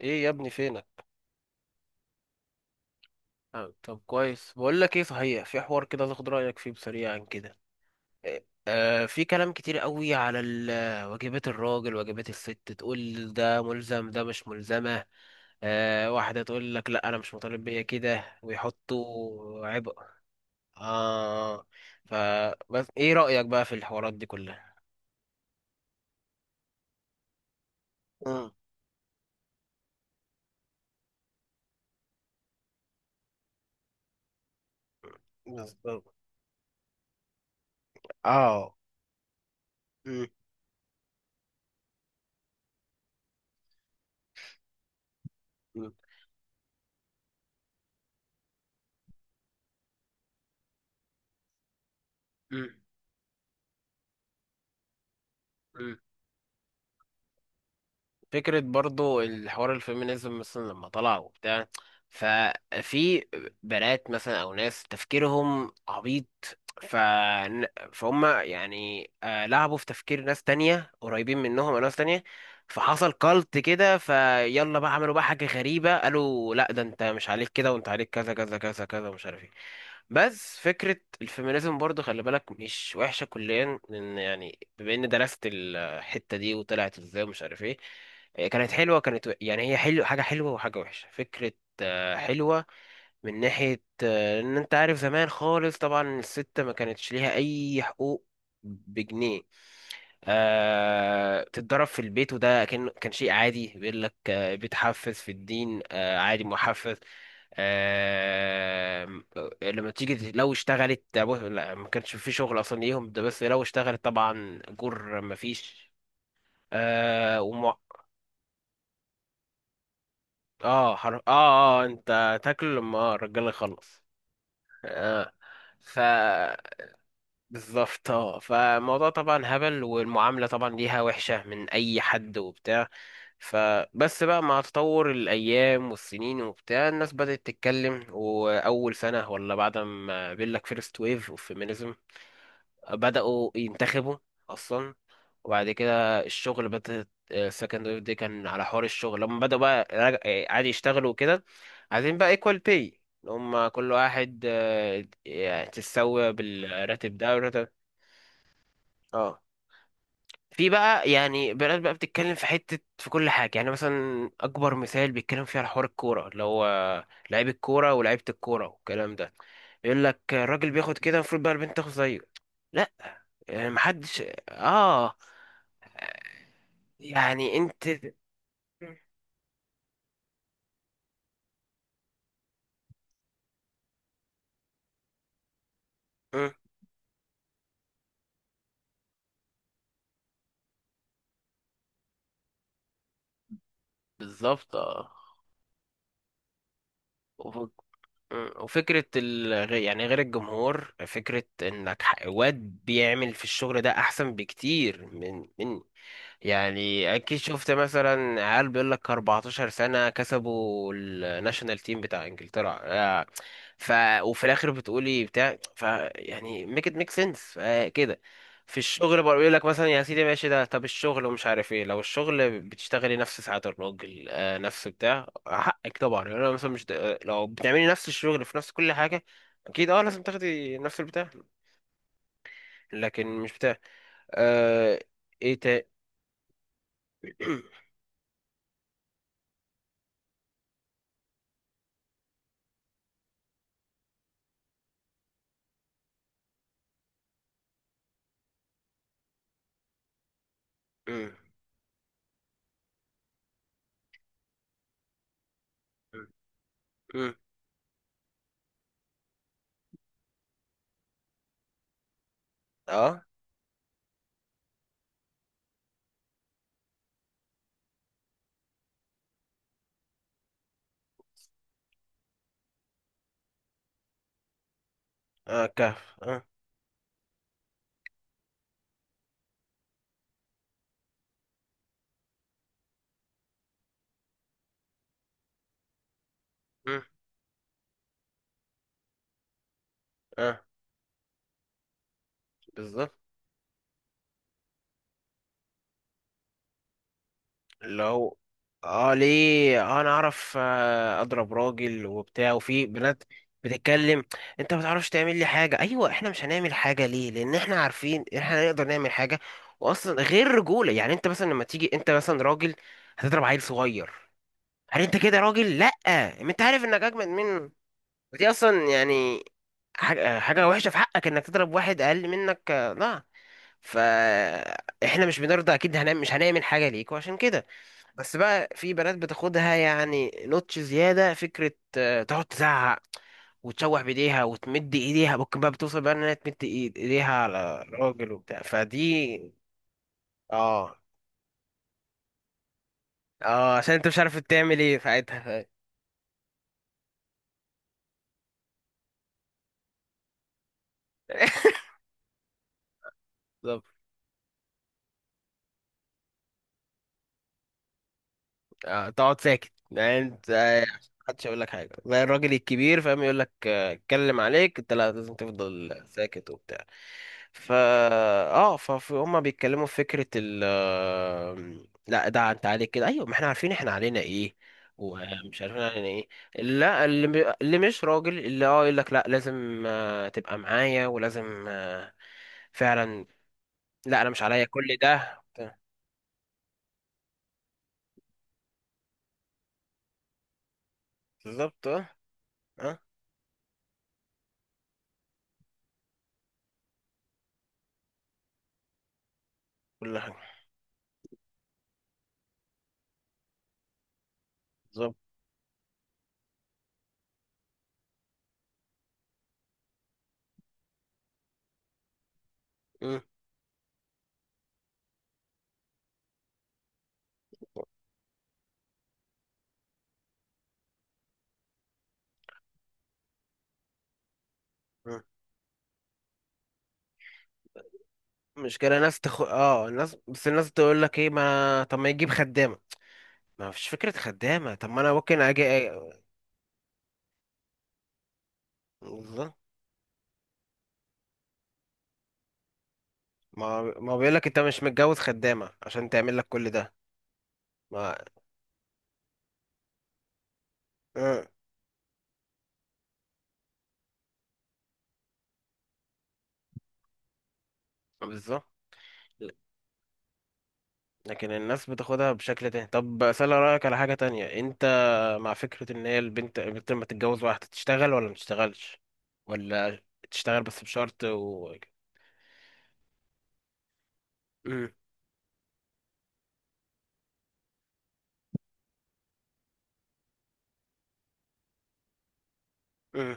ايه يا ابني فينك؟ طب كويس، بقول لك ايه، صحيح في حوار كده تاخد رايك فيه بسريعا كده. آه. في كلام كتير قوي على واجبات الراجل واجبات الست، تقول ده ملزم ده مش ملزمه. واحده تقول لك لا انا مش مطالب بيا كده، ويحطوا عبء. اه. فبس ايه رايك بقى في الحوارات دي كلها؟ امم. بالظبط اه. امم. امم. فكرة برضو الحوار الفيمينيزم مثلا لما طلع وبتاع، ففي بنات مثلا أو ناس تفكيرهم عبيط، ف... فهم يعني لعبوا في تفكير ناس تانية قريبين منهم أو ناس تانية. فحصل كالت كده، فيلا بقى عملوا بقى حاجة غريبة، قالوا لا ده انت مش عليك كده وانت عليك كذا كذا كذا كذا ومش عارف ايه. بس فكرة الفيمينيزم برضه خلي بالك مش وحشة كليا، لأن يعني بما إني درست الحتة دي وطلعت إزاي ومش عارف إيه، إيه، كانت حلوة كانت يعني هي حلو، حاجة حلوة وحاجة وحشة فكرة. حلوة من ناحية إن أنت عارف زمان خالص طبعا الست ما كانتش ليها أي حقوق بجنيه. تتضرب في البيت، وده كان شيء عادي، بيقول لك بتحفز في الدين عادي محفز. آه. لما تيجي لو اشتغلت لا، ما كانش في شغل اصلا ليهم، ده بس لو اشتغلت طبعا اجور ما فيش. آه وم... اه. اه اه، انت تاكل لما الرجال يخلص. آه. ف بالظبط اه، فالموضوع طبعا هبل والمعاملة طبعا ليها وحشة من أي حد وبتاع. فبس بقى مع تطور الأيام والسنين وبتاع، الناس بدأت تتكلم، وأول سنة، ولا بعد ما بيقولك فيرست ويف اوف فيمينيزم بدأوا ينتخبوا أصلا. وبعد كده الشغل، بدأت السكند ويف دي كان على حوار الشغل لما بدأوا بقى عادي يشتغلوا وكده. عايزين بقى equal pay، اللي هم كل واحد يعني تتساوي بالراتب ده والراتب. اه. في بقى يعني بلاد بقى بتتكلم في حتة في كل حاجة، يعني مثلا أكبر مثال بيتكلم فيه على حوار الكورة، اللي هو لعيب الكورة ولعيبة الكورة والكلام ده، يقول لك الراجل بياخد كده، المفروض بقى البنت تاخد زيه. لا. يعني محدش. اه. يعني انت. مم. بالظبط اه. وف- مم. وفكرة يعني غير الجمهور، فكرة انك واد بيعمل في الشغل ده احسن بكتير من، يعني اكيد شفت مثلا عيال بيقول لك 14 سنه كسبوا الناشونال تيم بتاع انجلترا ف وفي الاخر بتقولي بتاع، يعني ميك ات ميك سنس كده. في الشغل بقى يقول لك مثلا يا سيدي ماشي، ده طب الشغل ومش عارف ايه، لو الشغل بتشتغلي نفس ساعات الراجل نفس بتاع حقك طبعا، يعني انا مثلا مش د- آه، لو بتعملي نفس الشغل في نفس كل حاجه، اكيد اه لازم تاخدي نفس البتاع، لكن مش بتاع، آه. ايه تا. اه. اه. كهف. اه. مم. اه. بالظبط. اللي هو اه، ليه انا اعرف اضرب راجل وبتاع، وفي بنات بتتكلم، انت ما تعرفش تعمل لي حاجه، ايوه احنا مش هنعمل حاجه، ليه؟ لان احنا عارفين إن احنا نقدر نعمل حاجه، واصلا غير رجوله. يعني انت مثلا لما تيجي انت مثلا راجل، هتضرب عيل صغير، هل انت كده راجل؟ لا. ما انت عارف انك اجمد منه، ودي اصلا يعني حاجه وحشه في حقك انك تضرب واحد اقل منك لا. فاحنا مش بنرضى، اكيد هنعمل، مش هنعمل حاجه ليكوا عشان كده. بس بقى في بنات بتاخدها يعني نوتش زياده فكره، تقعد تزعق وتشوح بايديها وتمد ايديها، ممكن بقى بتوصل بقى انها تمد ايديها على الراجل وبتاع، فدي. اه اه عشان انت مش عارف تعمل ايه ساعتها. بالظبط. تقعد ساكت، يعني انت محدش يقول لك حاجه زي الراجل الكبير فاهم، يقول لك اتكلم عليك، انت لا، لازم تفضل ساكت وبتاع. فا اه، فهم بيتكلموا في فكره ال آه، لا ده انت عليك كده، ايوه ما احنا عارفين احنا علينا ايه ومش عارفين علينا ايه. لا اللي، اللي مش راجل، اللي اه يقول لك لا لازم تبقى معايا ولازم فعلا لا انا مش عليا كل ده. بالظبط اه اه كل حاجه بالظبط. مم. مشكلة ناس اه الناس، بس الناس تقول لك ايه، ما طب ما يجيب خدامة، ما فيش فكرة خدامة، طب ما انا ممكن اجي بالظبط. ما بيقول لك انت مش متجوز خدامة عشان تعمل لك كل ده. ما آه، بالظبط. لكن الناس بتاخدها بشكل تاني، طب اسأل رأيك على حاجة تانية انت، مع فكرة ان هي البنت لما تتجوز، واحدة تشتغل ولا ما تشتغلش، ولا تشتغل بس بشرط و، مم، مم.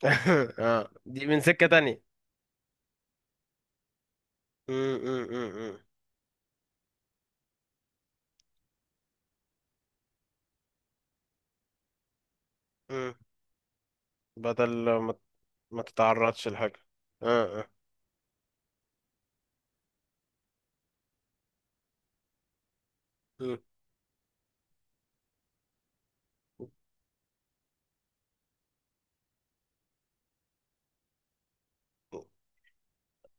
اه، دي من سكة تانية. مم، مم، مم، مم، مم. بدل ما ما تتعرضش لحاجة. اه اه. مم.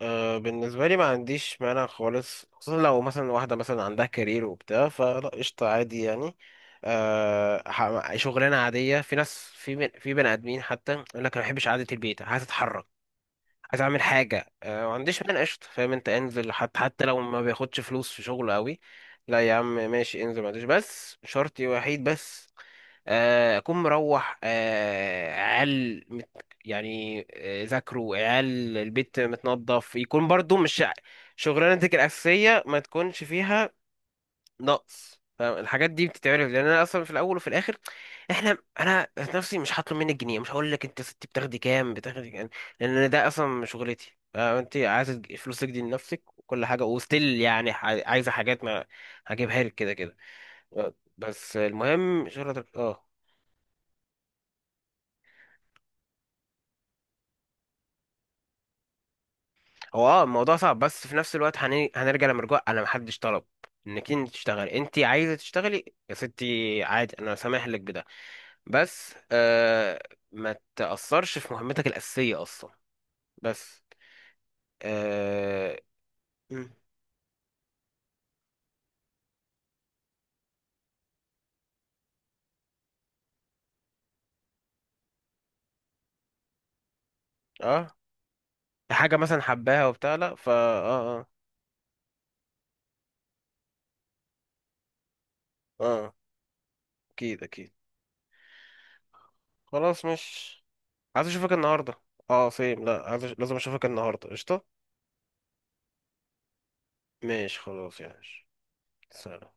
بالنسبة لي ما عنديش مانع خالص، خصوصا لو مثلا واحدة مثلا عندها كارير وبتاع فلا قشطة عادي يعني. شغلانة عادية، في ناس في بني آدمين حتى يقول لك أنا ما بحبش قعدة البيت، عايز أتحرك، عايز أعمل حاجة، ما عنديش مانع قشطة فاهم أنت، انزل، حتى لو ما بياخدش فلوس في شغله قوي، لا يا عم ماشي انزل، ما عنديش، بس شرطي وحيد، بس اكون مروح، عيال يعني ذاكروا، عيال، البيت متنظف، يكون برضو مش شغلانتك الاساسيه ما تكونش فيها نقص فاهم؟ الحاجات دي بتتعرف لان انا اصلا في الاول وفي الاخر احنا، انا ذات نفسي مش هطلب منك جنيه، مش هقول لك انت يا ستي بتاخدي كام بتاخدي كام، لان أنا ده اصلا شغلتي، انت عايزه فلوسك دي لنفسك وكل حاجه وستيل، يعني عايزه حاجات ما هجيبها لك كده كده. بس المهم شغلتك، اه. هو اه الموضوع صعب، بس في نفس الوقت هنرجع لمرجوع، انا محدش طلب انك انت تشتغلي، انت عايزه تشتغلي يا ستي عادي، انا سامح لك بده، بس آه ما تأثرش في مهمتك الأساسية اصلا، بس اه. مم. اه، حاجة مثلا حباها وبتاع لا اه اه اه. اكيد اكيد. خلاص، مش عايز اشوفك النهارده، اه سيم، لا عايز لازم اشوفك النهارده قشطة. ماشي خلاص يا باشا. سلام.